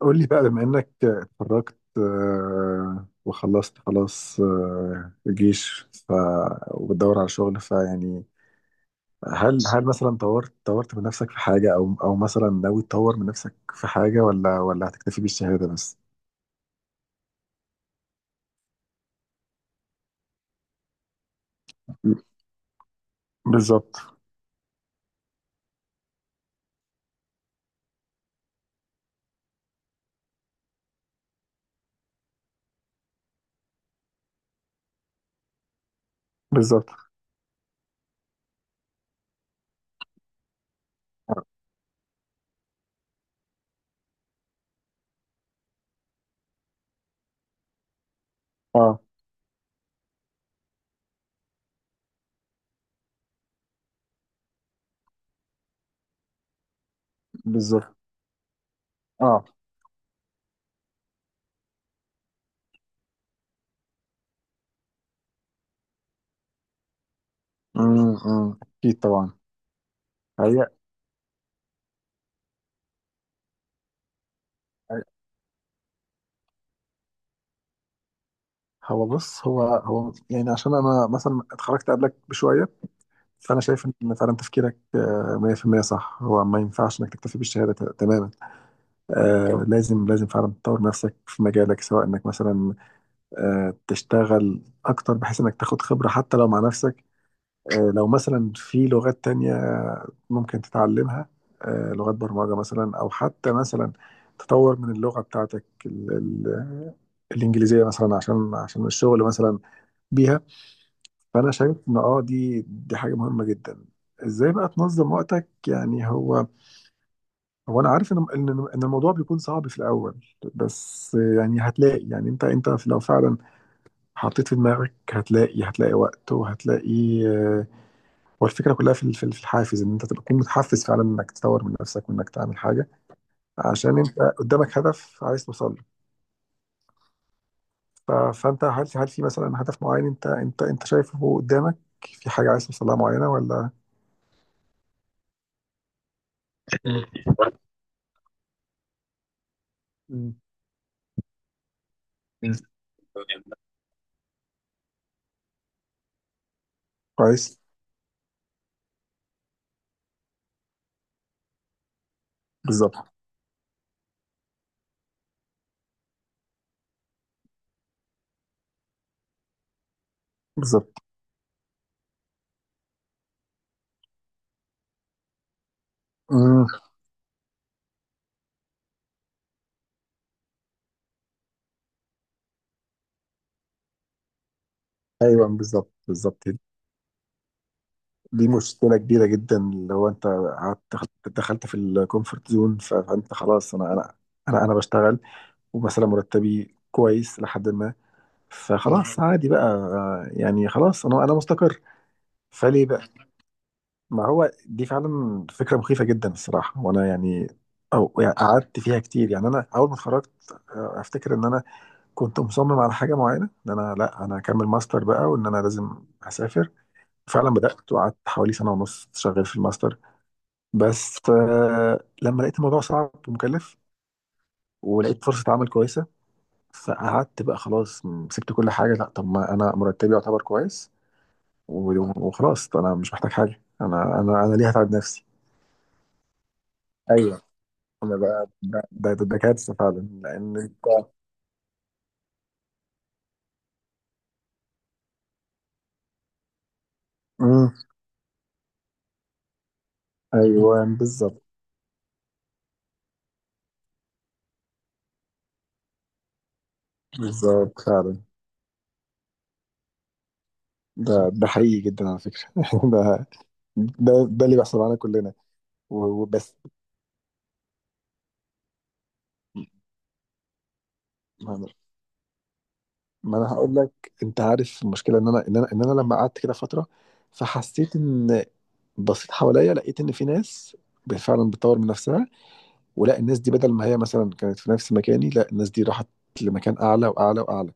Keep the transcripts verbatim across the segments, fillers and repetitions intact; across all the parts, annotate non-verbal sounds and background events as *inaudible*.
قول لي بقى، بما انك اتخرجت آه، وخلصت خلاص، آه، الجيش. ف وبتدور على شغل، فيعني هل هل مثلا طورت طورت من نفسك في حاجة، او او مثلا ناوي تطور من نفسك في حاجة، ولا ولا هتكتفي بالشهادة بس؟ بالظبط، بالظبط. اه، بالظبط. اه. امم. أمم. اكيد طبعا. هي هو بص، هو هو يعني عشان انا مثلا اتخرجت قبلك بشوية، فانا شايف ان فعلا تفكيرك آه، ميه بالميه صح. هو ما ينفعش انك تكتفي بالشهاده ت- تماما. آه، لازم لازم فعلا تطور نفسك في مجالك، سواء انك مثلا آه، تشتغل اكتر بحيث انك تاخد خبره حتى لو مع نفسك، آه، لو مثلا في لغات تانية ممكن تتعلمها، آه، لغات برمجه مثلا، او حتى مثلا تطور من اللغه بتاعتك ال- ال- الانجليزيه مثلا، عشان عشان الشغل مثلا بيها. فانا شايف ان اه دي دي حاجه مهمه جدا. ازاي بقى تنظم وقتك؟ يعني هو هو انا عارف ان ان إن الموضوع بيكون صعب في الاول، بس يعني هتلاقي، يعني انت انت لو فعلا حطيت في دماغك هتلاقي، هتلاقي وقت، وهتلاقي. آه، هو الفكره كلها في ال- في ال- في الحافز، ان انت تبقى تكون متحفز فعلا انك تطور من نفسك وانك تعمل حاجه، عشان انت قدامك هدف عايز توصل له. ف- فانت هل هل في مثلا هدف معين انت انت انت شايفه قدامك؟ في حاجه عايز توصل لها معينه ولا؟ مم. مم. كويس. بالظبط. بالظبط. امم. ايوه، بالظبط، بالظبط. دي مشكله كبيره جدا، اللي هو انت قعدت دخلت في الكومفورت زون، ف- فانت خلاص، انا انا انا انا بشتغل، ومثلا مرتبي كويس لحد ما، فخلاص مم. عادي بقى، يعني خلاص، انا انا مستقر، فليه بقى؟ ما هو دي فعلا فكره مخيفه جدا الصراحه، وانا يعني او يعني قعدت فيها كتير. يعني انا اول ما اتخرجت آه، افتكر ان انا كنت مصمم على حاجه معينه، ان انا لا انا هكمل ماستر بقى، وان انا لازم اسافر، فعلا. بدات وقعدت حوالي سنه ونص شغال في الماستر، بس آه، لما لقيت الموضوع صعب ومكلف، ولقيت فرصه عمل كويسه، فقعدت بقى خلاص، م- سبت كل حاجه. لا طب، ما انا مرتبي يعتبر كويس، و- وخلاص طب انا مش محتاج حاجه، انا انا انا ليه هتعب نفسي؟ ايوه. انا بقى ده ده ده كارثه فعلا، لان انت. مم. ايوه، بالظبط، بالظبط، فعلا. ده ده حقيقي جدا على فكرة *laughs* ده ده ده اللي بيحصل معانا كلنا، و- وبس. ما ما انا هقول لك، انت عارف المشكلة، ان انا ان انا ان انا لما قعدت كده فترة فحسيت ان بصيت حواليا، لقيت ان في ناس فعلا بتطور من نفسها، ولا الناس دي بدل ما هي مثلا كانت في نفس مكاني، لا الناس دي راحت لمكان اعلى واعلى واعلى.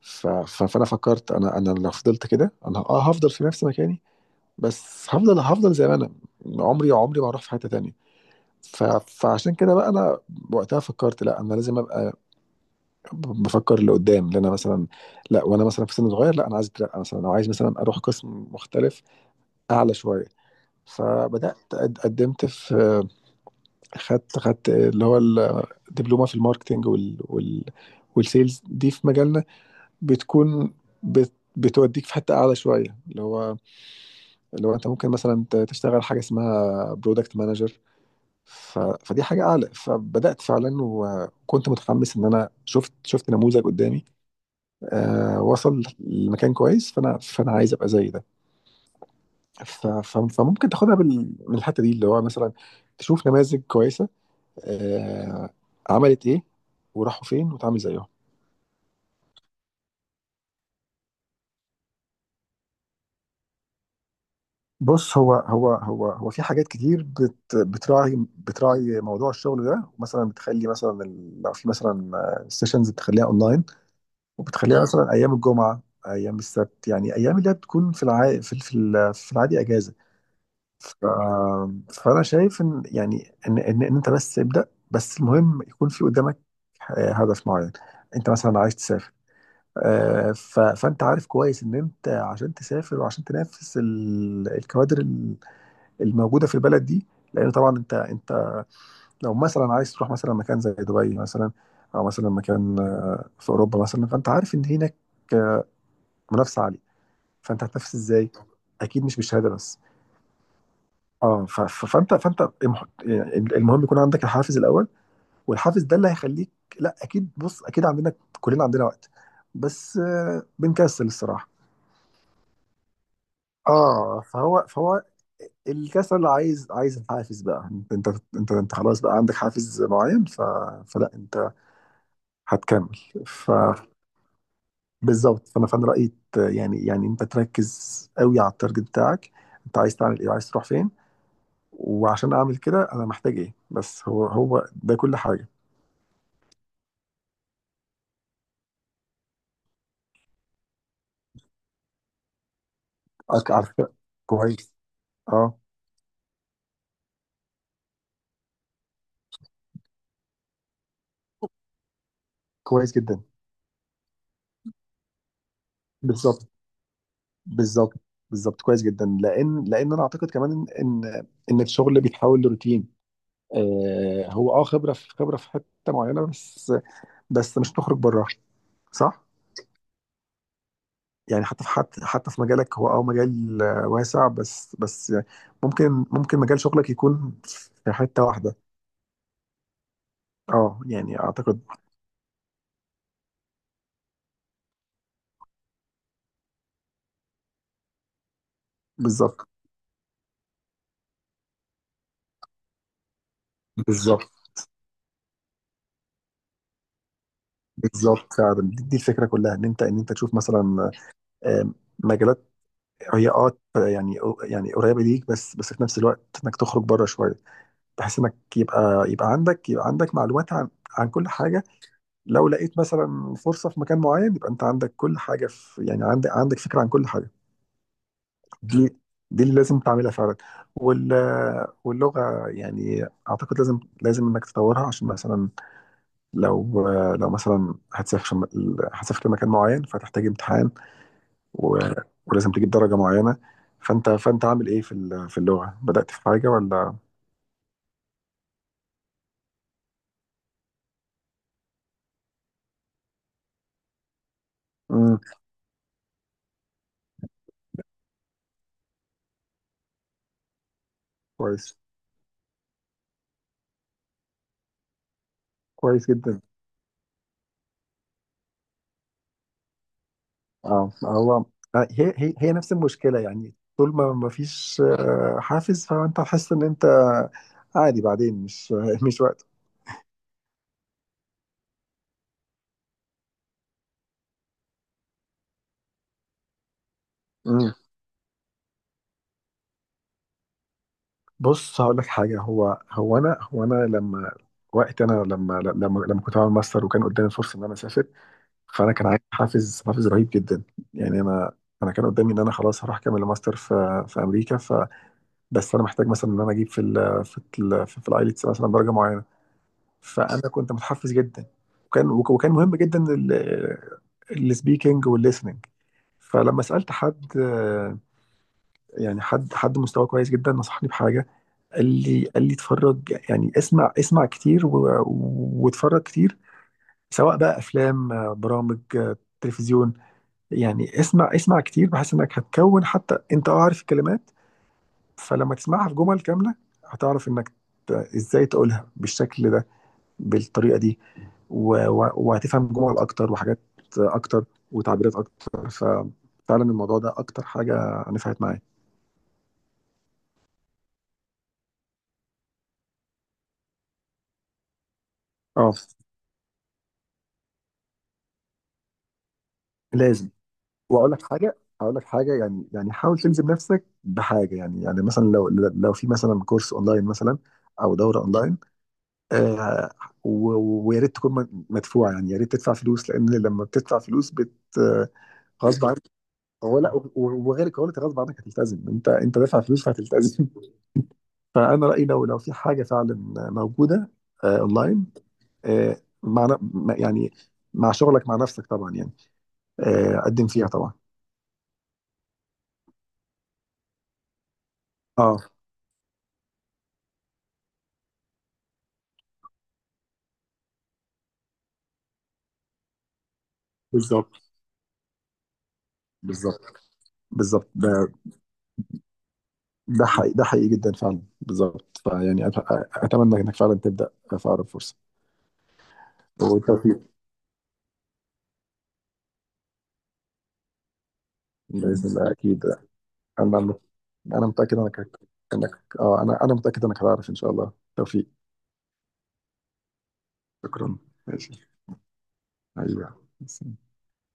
ف... ف... فانا فكرت انا انا لو فضلت كده انا اه هفضل في نفس مكاني، بس هفضل هفضل زي ما انا، عمري عمري ما هروح في حتة تانية. ف... فعشان كده بقى انا وقتها فكرت لا، انا لازم ابقى بفكر لقدام، لان انا مثلا لا وانا مثلا في سن صغير، لا انا عايز اترقى مثلا، او عايز مثلا اروح قسم مختلف اعلى شويه. فبدات قد- قدمت في، خدت خدت اللي هو الدبلومه في الماركتينج وال... وال... والسيلز. دي في مجالنا بتكون، بت... بتوديك في حته اعلى شويه، اللي هو اللي هو انت ممكن مثلا ت- تشتغل حاجه اسمها برودكت مانجر. ف... فدي حاجة أعلى. فبدأت فعلا، وكنت متحمس إن أنا شفت شفت نموذج قدامي، آه، وصل لمكان كويس، فأنا فأنا عايز أبقى زي ده. ف... ف... فممكن تاخدها بال... من الحتة دي، اللي هو مثلا تشوف نماذج كويسة. آه، عملت إيه، وراحوا فين، وتعمل زيهم. بص، هو هو هو هو في حاجات كتير بت بتراعي، بتراعي موضوع الشغل ده، مثلا بتخلي مثلا ال- لو في مثلا سيشنز بتخليها اونلاين، وبتخليها مثلا ايام الجمعه، ايام السبت، يعني ايام اللي هي بتكون في الع... في في ال- في العادي اجازه. ف... فانا شايف ان يعني ان ان, إن انت بس ابدا، بس المهم يكون في قدامك آه، هدف معين. انت مثلا عايز تسافر، آه، ف... فانت عارف كويس ان انت عشان تسافر، وعشان تنافس ال... الكوادر ال- الموجوده في البلد دي، لان طبعا انت انت لو مثلا عايز تروح مثلا مكان زي دبي مثلا، او مثلا مكان آه، في اوروبا مثلا، فانت عارف ان هناك آه، منافسه عاليه، فانت هتنافس ازاي؟ اكيد مش بالشهاده بس. اه، ف- ف- فانت فانت المح- يعني المهم يكون عندك الحافز الاول، والحافز ده اللي هيخليك. لا، اكيد، بص، اكيد عندنا، كلنا عندنا وقت، بس آه، بنكسل الصراحه. اه فهو فهو الكسل عايز عايز الحافز بقى. انت انت انت خلاص بقى عندك حافز معين، ف... فلا انت هتكمل. ف بالظبط. فانا فانا رايي ت- يعني يعني انت تركز قوي على التارجت بتاعك، انت عايز تعمل ايه، عايز تروح فين، وعشان اعمل كده انا محتاج ايه، بس هو هو ده كل حاجه. أك- على فكره، كويس. اه. كويس جدا. بالظبط. بالظبط. بالظبط كويس جدا، لان لان انا اعتقد كمان ان ان إن الشغل بيتحول لروتين. آه هو اه خبره في خبره في حته معينه بس، بس مش تخرج براها. صح، يعني حتى في حتى حتى في مجالك، هو اه مجال آه، واسع، بس بس ممكن ممكن مجال شغلك يكون في حته واحده. اه يعني اعتقد. بالظبط، بالظبط، بالظبط فعلا. دي دي الفكره كلها ان انت ان انت تشوف مثلا آم، مجالات هي اه يعني يعني قريبه ليك، بس بس في نفس الوقت انك تخرج بره شويه، بحيث انك يبقى يبقى عندك يبقى عندك معلومات عن عن كل حاجه، لو لقيت مثلا فرصه في مكان معين، يبقى انت عندك كل حاجه، في يعني عندك عندك فكره عن كل حاجه. دي دي اللي لازم تعملها فعلا. وال واللغه يعني اعتقد لازم لازم انك تطورها عشان مثلا لو لو مثلا هتسافر، هتسافر لمكان معين، فتحتاج امتحان، و... ولازم تجيب درجة معينة. فانت فانت عامل ايه في ال- في اللغة؟ بدأت في حاجة ولا؟ امم. كويس كويس جدا. اه. هو آه، هي هي هي نفس المشكلة، يعني طول ما ما فيش آه، حافز، فانت هتحس ان انت عادي، بعدين مش *laughs* مش وقت. امم. بص، هقول لك حاجة. هو هو انا هو انا لما وقت انا لما لما لما كنت بعمل ماستر، وكان قدامي فرصة ان انا اسافر، فانا كان عندي حافز حافز رهيب جدا، يعني انا انا كان قدامي ان انا خلاص هروح اكمل الماستر في في امريكا. ف بس انا محتاج مثلا ان انا اجيب في ال في ال في, في الايلتس مثلا درجه معينه. فانا كنت متحفز جدا، وكان وك- وكان مهم جدا السبيكنج والليسننج. فلما سالت حد، آه، يعني حد حد مستواه كويس جدا، نصحني بحاجه. قال لي قال لي اتفرج، يعني اسمع اسمع كتير، و- واتفرج كتير، سواء بقى افلام، آه، برامج، آه، تلفزيون. يعني اسمع اسمع كتير بحيث انك هتكون حتى انت اه عارف الكلمات، فلما تسمعها في جمل كامله هتعرف انك ت- ازاي تقولها بالشكل ده، بالطريقه دي، و- و- وهتفهم جمل اكتر، وحاجات اكتر، وتعبيرات اكتر. ففعلا الموضوع ده اكتر حاجه نفعت معايا. اه، لازم. واقول لك حاجه، هقول لك حاجه، يعني يعني حاول تلزم نفسك بحاجه، يعني يعني مثلا لو لو في مثلا كورس اونلاين مثلا، او دوره اونلاين، آه، و- و- ويا ريت تكون م- مدفوعه، يعني يا ريت تدفع فلوس، لان لما بتدفع فلوس بت. آه، غصب عنك. هو لا، و- وغير كده انت غصب عنك هتلتزم، انت انت دافع فلوس فهتلتزم. *laughs* فانا رايي لو لو في حاجه فعلا موجوده، آه، اونلاين، آه، مع ن- م- يعني مع شغلك مع نفسك طبعا، يعني آه، قدم فيها طبعا. اه، بالظبط، بالظبط، بالظبط. ده ده حقيقي، ده حقيقي جدا فعلا، بالظبط، فيعني أت- اتمنى انك فعلا تبدا في اقرب فرصه. والتوفيق. باذن الله اكيد. انا انا متاكد انك هك- انك اه انا انا متاكد انك هتعرف ان شاء الله توفيق. شكرا. ماشي حبيبي.